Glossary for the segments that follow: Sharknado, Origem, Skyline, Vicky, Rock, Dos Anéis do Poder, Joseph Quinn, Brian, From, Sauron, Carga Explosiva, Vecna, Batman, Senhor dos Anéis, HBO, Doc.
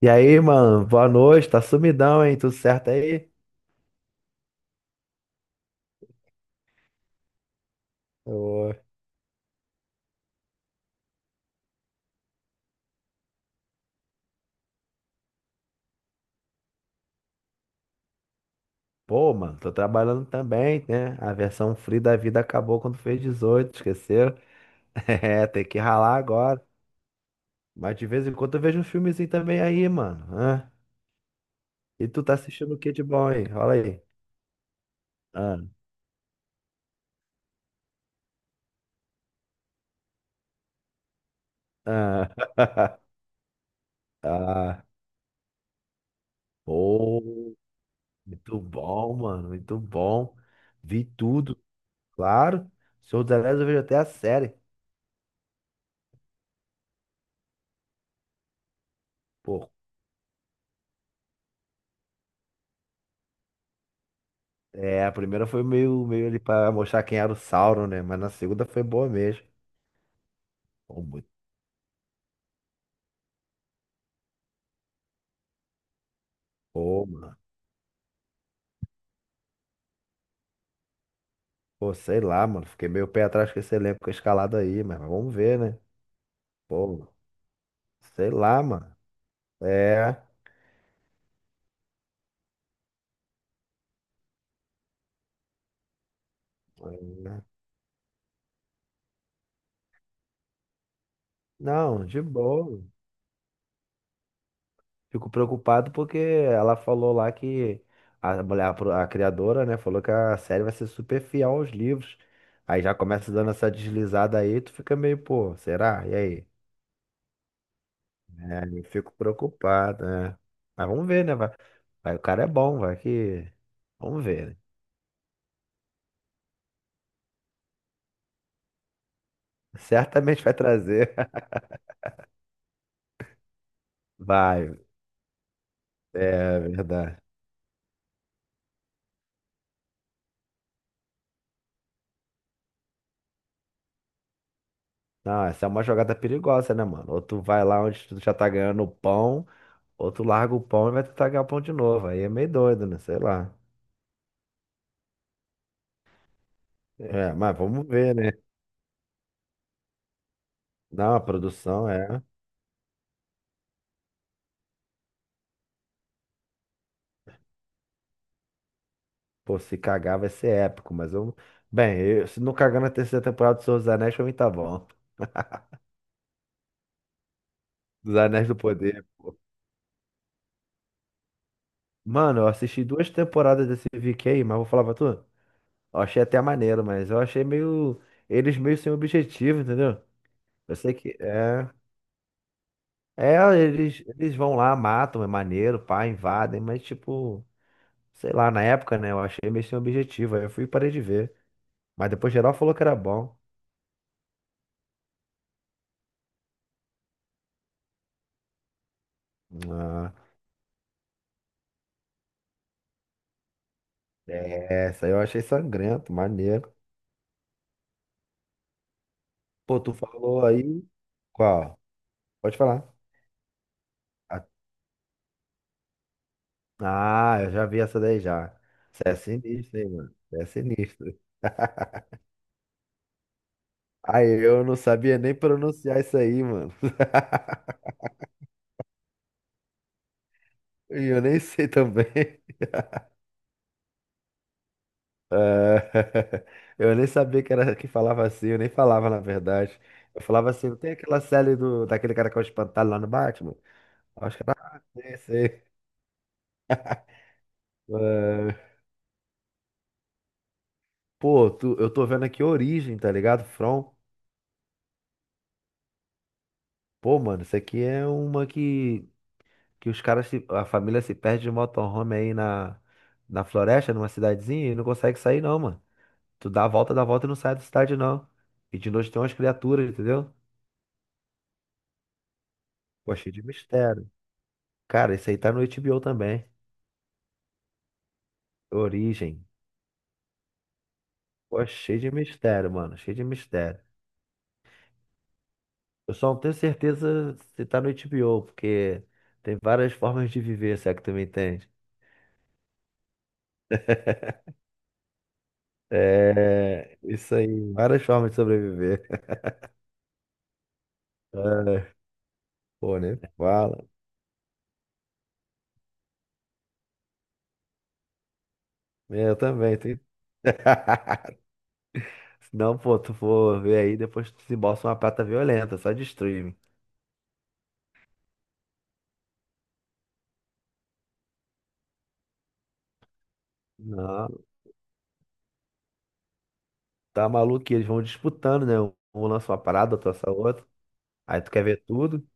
E aí, mano, boa noite, tá sumidão, hein? Tudo certo aí? Ô. Pô, mano, tô trabalhando também, né? A versão free da vida acabou quando fez 18, esqueceu? É, tem que ralar agora. Mas de vez em quando eu vejo um filmezinho também aí, mano. Hã? E tu tá assistindo o que de bom, hein? Olha aí. Ah, ah. Ah, pô, muito bom, mano, muito bom. Vi tudo, claro. Senhor dos Anéis eu vejo até a série. Pô, é, a primeira foi meio ali pra mostrar quem era o Sauron, né? Mas na segunda foi boa mesmo. Pô, muito boa, mano. Pô, sei lá, mano. Fiquei meio pé atrás com esse elenco escalado aí, mas vamos ver, né? Pô, sei lá, mano. É. Não, de boa. Fico preocupado porque ela falou lá que a mulher, a criadora, né, falou que a série vai ser super fiel aos livros. Aí já começa dando essa deslizada aí, tu fica meio, pô, será? E aí? É, eu fico preocupado, né? Mas vamos ver, né? Vai, vai, o cara é bom, vai que. Vamos ver, né? Certamente vai trazer. Vai, é verdade. Não, essa é uma jogada perigosa, né, mano? Ou tu vai lá onde tu já tá ganhando o pão, ou tu larga o pão e vai tentar ganhar o pão de novo. Aí é meio doido, né? Sei lá. É, mas vamos ver, né? Não, a produção é. Pô, se cagar vai ser épico, mas eu. Bem, se não cagar na terceira temporada do Senhor dos Anéis, pra mim tá bom. Dos Anéis do Poder. Mano, eu assisti duas temporadas desse Vicky aí, mas vou falar pra tu. Eu achei até maneiro, mas eu achei meio. Eles meio sem objetivo, entendeu? Eu sei que. É. É, eles vão lá, matam, é maneiro, pá, invadem, mas tipo. Sei lá, na época, né? Eu achei meio sem objetivo. Aí eu fui e parei de ver. Mas depois geral falou que era bom. Ah, é, essa aí eu achei sangrento, maneiro. Pô, tu falou aí. Qual? Pode falar. Ah, eu já vi essa daí já. Você é sinistro, hein, mano? Você é sinistro. Aí eu não sabia nem pronunciar isso aí, mano. E eu nem sei também. É, eu nem sabia que era que falava assim, eu nem falava na verdade. Eu falava assim, não tem aquela série daquele cara que é o espantalho lá no Batman? Aí os caras, ah, sei, sei. É. Pô, eu tô vendo aqui Origem, tá ligado? From. Pô, mano, isso aqui é uma que os caras, a família se perde de motorhome aí na floresta, numa cidadezinha, e não consegue sair não, mano. Tu dá a volta e não sai da cidade, não. E de noite tem umas criaturas, entendeu? Pô, cheio de mistério. Cara, esse aí tá no HBO também. Origem. Pô, cheio de mistério, mano. Cheio de mistério. Eu só não tenho certeza se tá no HBO, porque tem várias formas de viver, se é que tu me entende. É, isso aí. Várias formas de sobreviver. É, pô, né? Fala. É, eu também. Se não, pô, tu for ver aí, depois tu desembolsa uma prata violenta, só de streaming. Não, tá maluco, que eles vão disputando, né? Um lança uma parada, outro lança outra. Aí tu quer ver tudo?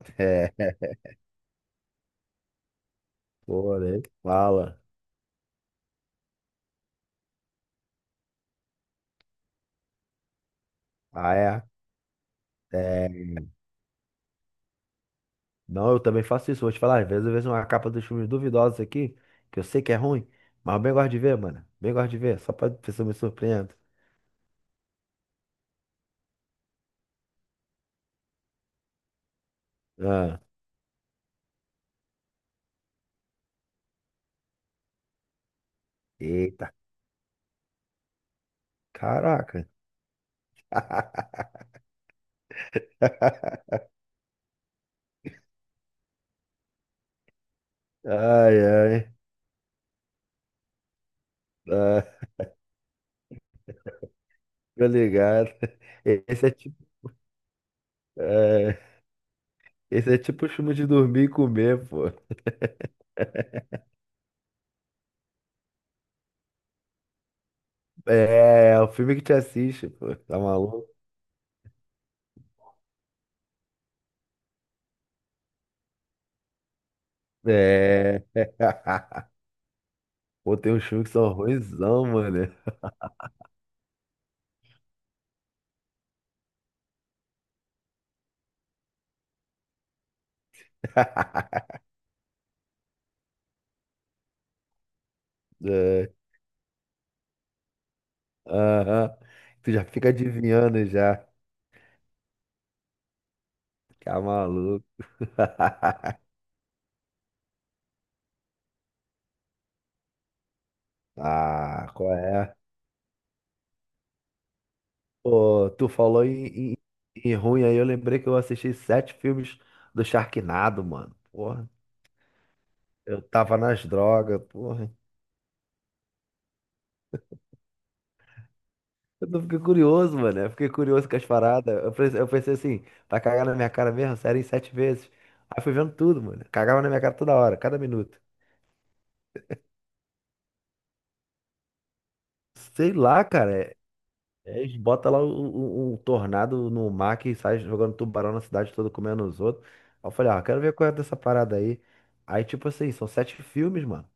É, pô, né? Fala. Ah, é. É. Não, eu também faço isso. Vou te falar, às vezes eu vejo uma capa dos filmes duvidosos aqui, que eu sei que é ruim, mas eu bem gosto de ver, mano. Bem gosto de ver, só pra ver se eu me surpreendo. Ah, eita, caraca. Ai, ai. Ah, tô ligado. Esse é tipo, é, esse é tipo filme de dormir e comer, pô. É, o filme que te assiste, pô. Tá maluco? É. Pô, tem uns filmes que são ruinzão, mano. É. Aham. Tu já fica adivinhando já. Tá maluco. Ah, qual é? Pô, tu falou em, em ruim aí, eu lembrei que eu assisti sete filmes do Sharknado, mano. Porra, eu tava nas drogas, porra. Fiquei curioso, mano. Eu fiquei curioso com as paradas. Eu pensei assim, vai cagar na minha cara mesmo? Sério, em sete vezes. Aí fui vendo tudo, mano. Cagava na minha cara toda hora, cada minuto. Sei lá, cara. Eles botam lá um tornado no mar que sai jogando tubarão na cidade toda, comendo os outros. Aí eu falei, ó, quero ver qual é dessa parada aí. Aí, tipo assim, são sete filmes, mano.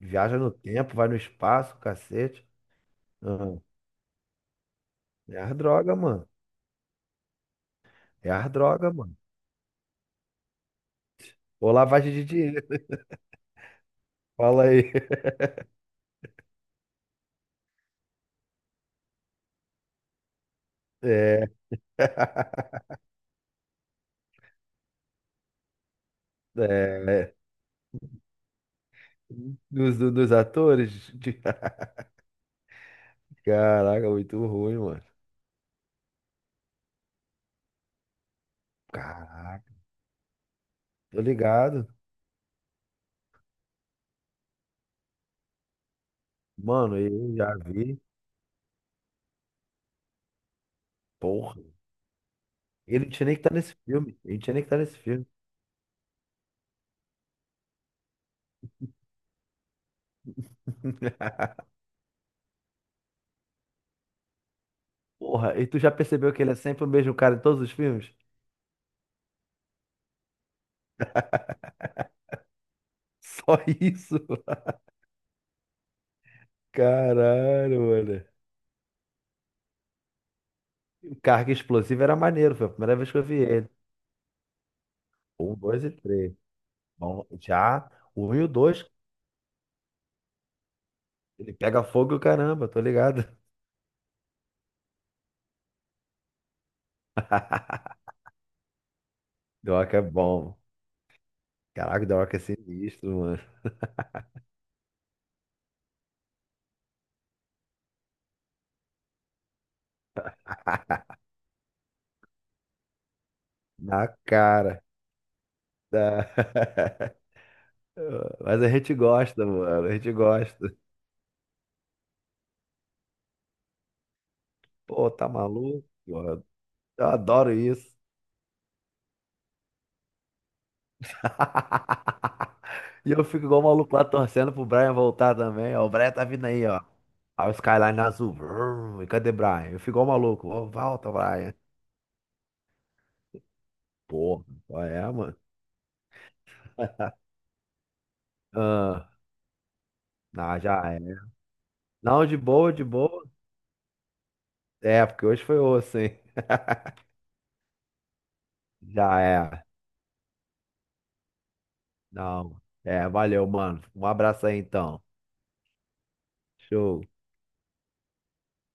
Viaja no tempo, vai no espaço, cacete. Ah, é as droga, mano. É as droga, mano. Ou lavagem de dinheiro. Fala aí. É. É, dos atores? Caraca, muito ruim, mano. Caraca, tô ligado. Mano, eu já vi. Porra. Ele não tinha nem que tá nesse filme. Ele não tinha nem que tá nesse filme. Porra, e tu já percebeu que ele é sempre o mesmo cara em todos os filmes? Só isso. Caralho, mano. O Carga Explosiva era maneiro, foi a primeira vez que eu vi ele. Um, dois e três. Bom, já o um e o dois, ele pega fogo e o caramba, tô ligado. Doc é bom. Caraca, da Rock é sinistro, mano. Na cara. Da... Mas a gente gosta, mano. A gente gosta. Pô, tá maluco, mano? Eu adoro isso. E eu fico igual o maluco lá torcendo pro Brian voltar também. Ó, o Brian tá vindo aí, ó. Olha o Skyline azul. Vrum. E cadê o Brian? Eu fico igual o maluco. Ó, volta, Brian. Pô, qual é, mano? Ah, não, já é. Não, de boa, de boa. É, porque hoje foi osso, hein? Já é. Não. É, valeu, mano. Um abraço aí então. Show.